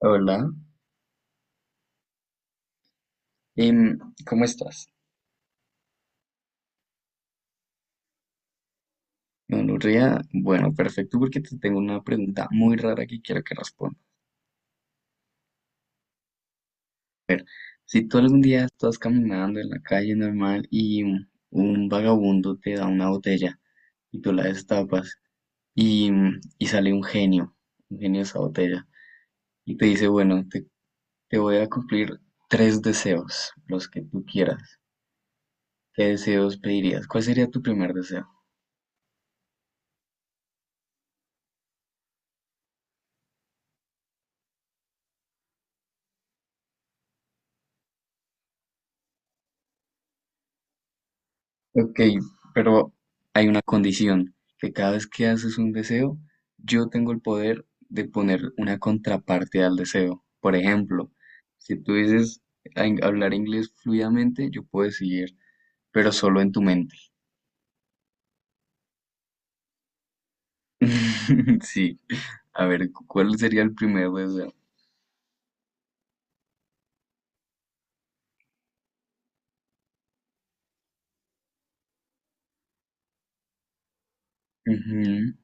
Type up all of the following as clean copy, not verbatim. Hola. Em, ¿Cómo estás? Nuria, bueno, perfecto, porque te tengo una pregunta muy rara que quiero que respondas. Si tú algún día estás caminando en la calle normal y un vagabundo te da una botella y tú la destapas y, y sale un genio de esa botella, y te dice, bueno, te voy a cumplir tres deseos, los que tú quieras. ¿Qué deseos pedirías? ¿Cuál sería tu primer deseo? Ok, pero hay una condición, que cada vez que haces un deseo, yo tengo el poder de poner una contraparte al deseo. Por ejemplo, si tú dices hablar inglés fluidamente, yo puedo decir, pero solo en tu mente. Sí, a ver, ¿cuál sería el primer deseo? Ujú,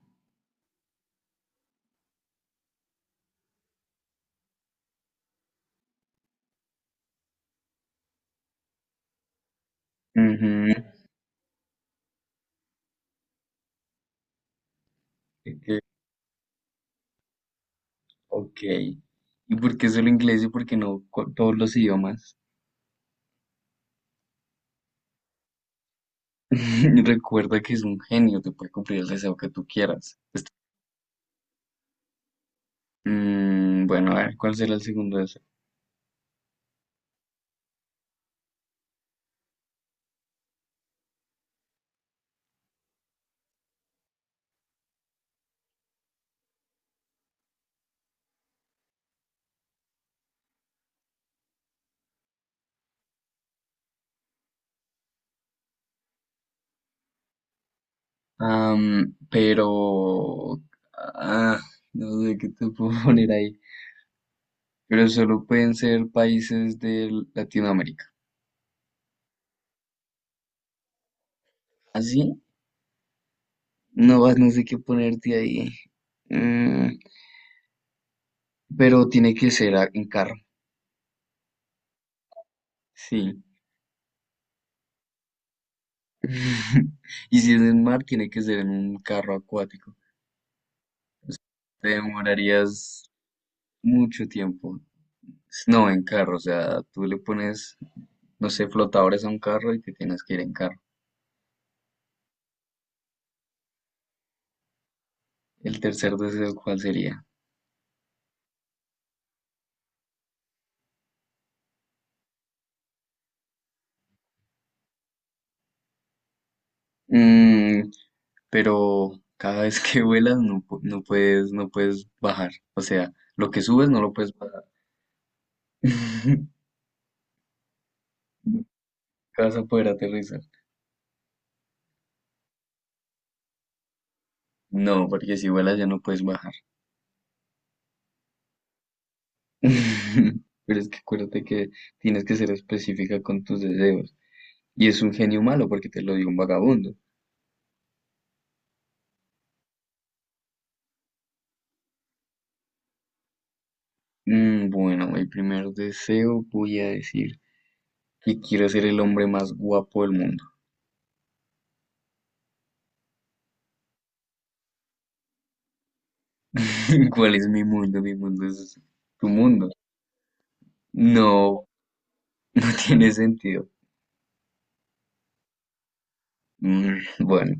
ujú, eh, ok, ¿y por qué solo inglés y por qué no todos los idiomas? Recuerda que es un genio, te puede cumplir el deseo que tú quieras. Bueno, a ver, ¿cuál será el segundo de eso? Pero ah, no sé qué te puedo poner ahí. Pero solo pueden ser países de Latinoamérica. ¿Así? No, vas, no sé qué ponerte ahí. Mm, pero tiene que ser en carro. Sí. Y si es en mar, tiene que ser en un carro acuático. Te demorarías mucho tiempo. No, en carro. O sea, tú le pones, no sé, flotadores a un carro y te tienes que ir en carro. El tercer deseo, ¿cuál sería? Mm, pero cada vez que vuelas no, no puedes, no puedes bajar. O sea, lo que subes no lo puedes bajar. Nunca vas a poder aterrizar. No, porque si vuelas ya no puedes bajar. Pero es que acuérdate que tienes que ser específica con tus deseos. Y es un genio malo porque te lo dio un vagabundo. Bueno, el primer deseo voy a decir que quiero ser el hombre más guapo del mundo. ¿Cuál es mi mundo? Mi mundo es tu mundo. No, no tiene sentido. Bueno,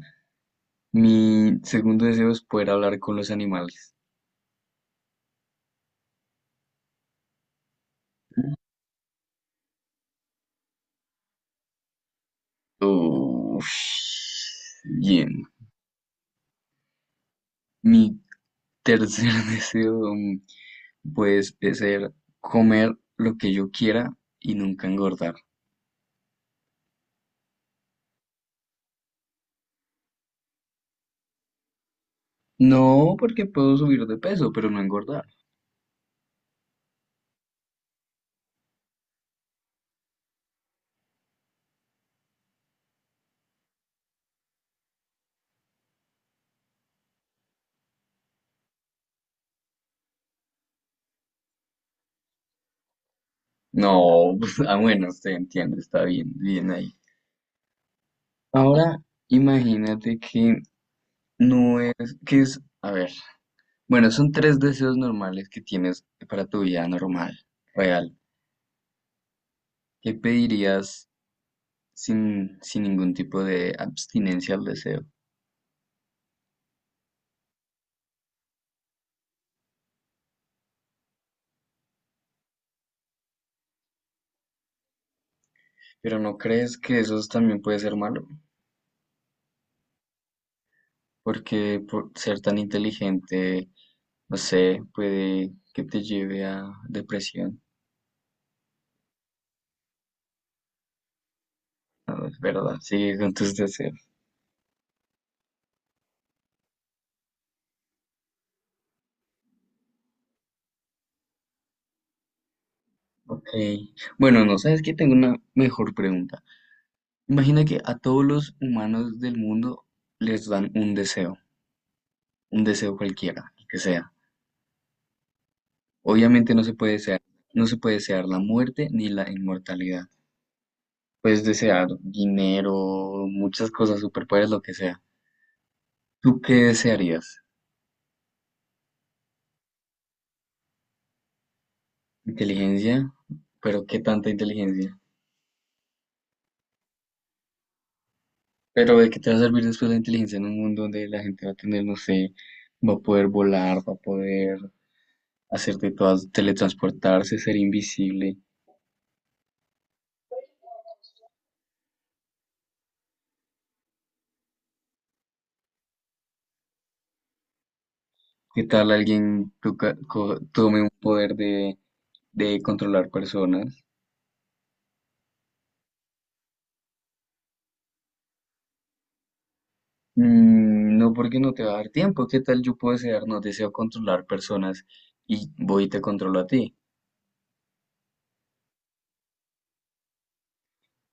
mi segundo deseo es poder hablar con los animales. Uf, bien. Mi tercer deseo, pues, es ser comer lo que yo quiera y nunca engordar. No, porque puedo subir de peso, pero no engordar. No, pues, bueno, usted entiende, está bien, bien ahí. Ahora, imagínate que no es, que es, a ver, bueno, son tres deseos normales que tienes para tu vida normal, real. ¿Qué pedirías sin ningún tipo de abstinencia al deseo? Pero ¿no crees que eso también puede ser malo? Porque por ser tan inteligente, no sé, puede que te lleve a depresión. Es verdad, sigue con tus deseos. Ok. Bueno, no sabes que tengo una mejor pregunta. Imagina que a todos los humanos del mundo les dan un deseo cualquiera, el que sea. Obviamente no se puede desear la muerte ni la inmortalidad. Puedes desear dinero, muchas cosas, superpoderes, lo que sea. ¿Tú qué desearías? ¿Inteligencia? ¿Pero qué tanta inteligencia? ¿Pero de qué te va a servir después la inteligencia en un mundo donde la gente va a tener, no sé, va a poder volar, va a poder hacer de todas, teletransportarse, ser invisible? ¿Qué tal alguien tome un poder de controlar personas? Mm, no, porque no te va a dar tiempo. ¿Qué tal yo puedo desear? No deseo controlar personas y voy y te controlo a ti.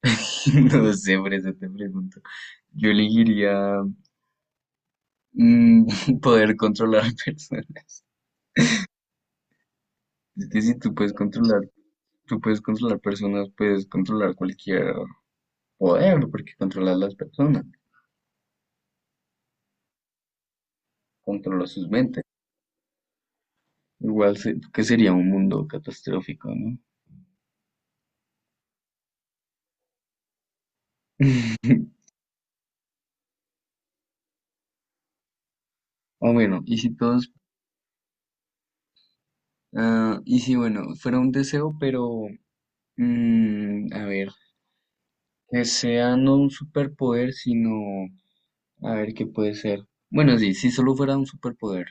No sé, por eso te pregunto. Yo elegiría poder controlar personas. Es que si tú puedes controlar, tú puedes controlar personas, puedes controlar cualquier poder, porque controlas las personas, controlas sus mentes. Igual que sería un mundo catastrófico, ¿no? O bueno, y si todos... Ah, y sí, bueno, fuera un deseo, pero a ver, que sea no un superpoder, sino a ver qué puede ser. Bueno, sí, si solo fuera un superpoder,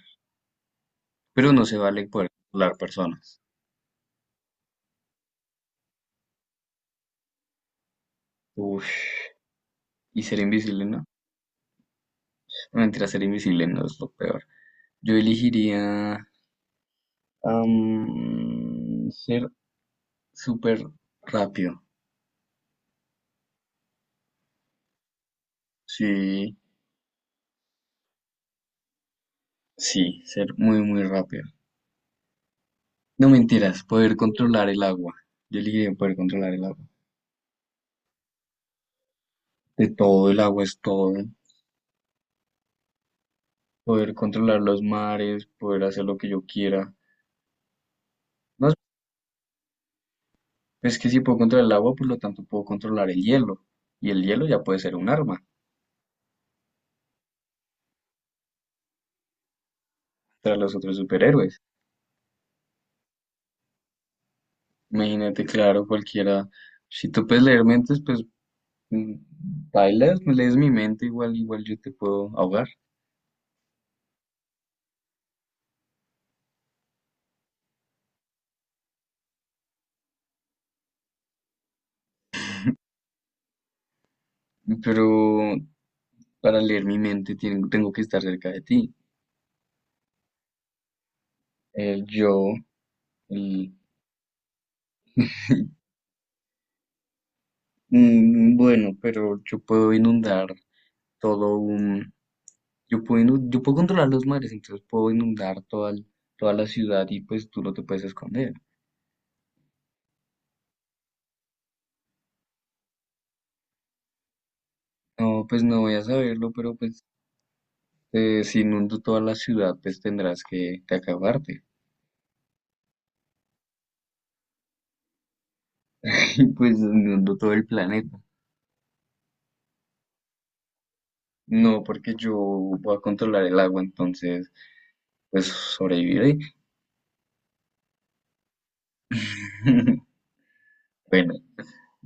pero no se vale poder controlar personas. Uf, y ser invisible, ¿no? No, mentira, ser invisible no es lo peor. Yo elegiría ser súper rápido. Sí, sí, ser muy rápido. No mentiras, poder controlar el agua. Yo elegiría poder controlar el agua. De todo, el agua es todo, poder controlar los mares, poder hacer lo que yo quiera. No, es que si puedo controlar el agua, por lo tanto puedo controlar el hielo, y el hielo ya puede ser un arma para los otros superhéroes. Imagínate, claro, cualquiera, si tú puedes leer mentes, pues mm, bailas, lees mi mente, igual yo te puedo ahogar, pero para leer mi mente tengo que estar cerca de ti. El yo, el- bueno, pero yo puedo inundar todo. Yo puedo, yo puedo controlar los mares, entonces puedo inundar toda la ciudad y pues tú no te puedes esconder. No, pues no voy a saberlo, pero pues si inundo toda la ciudad, pues tendrás que acabarte. Y pues inundo todo el planeta. No, porque yo voy a controlar el agua, entonces pues sobreviviré. Bueno,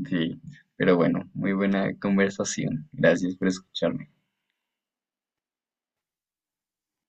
sí, pero bueno, muy buena conversación. Gracias por escucharme.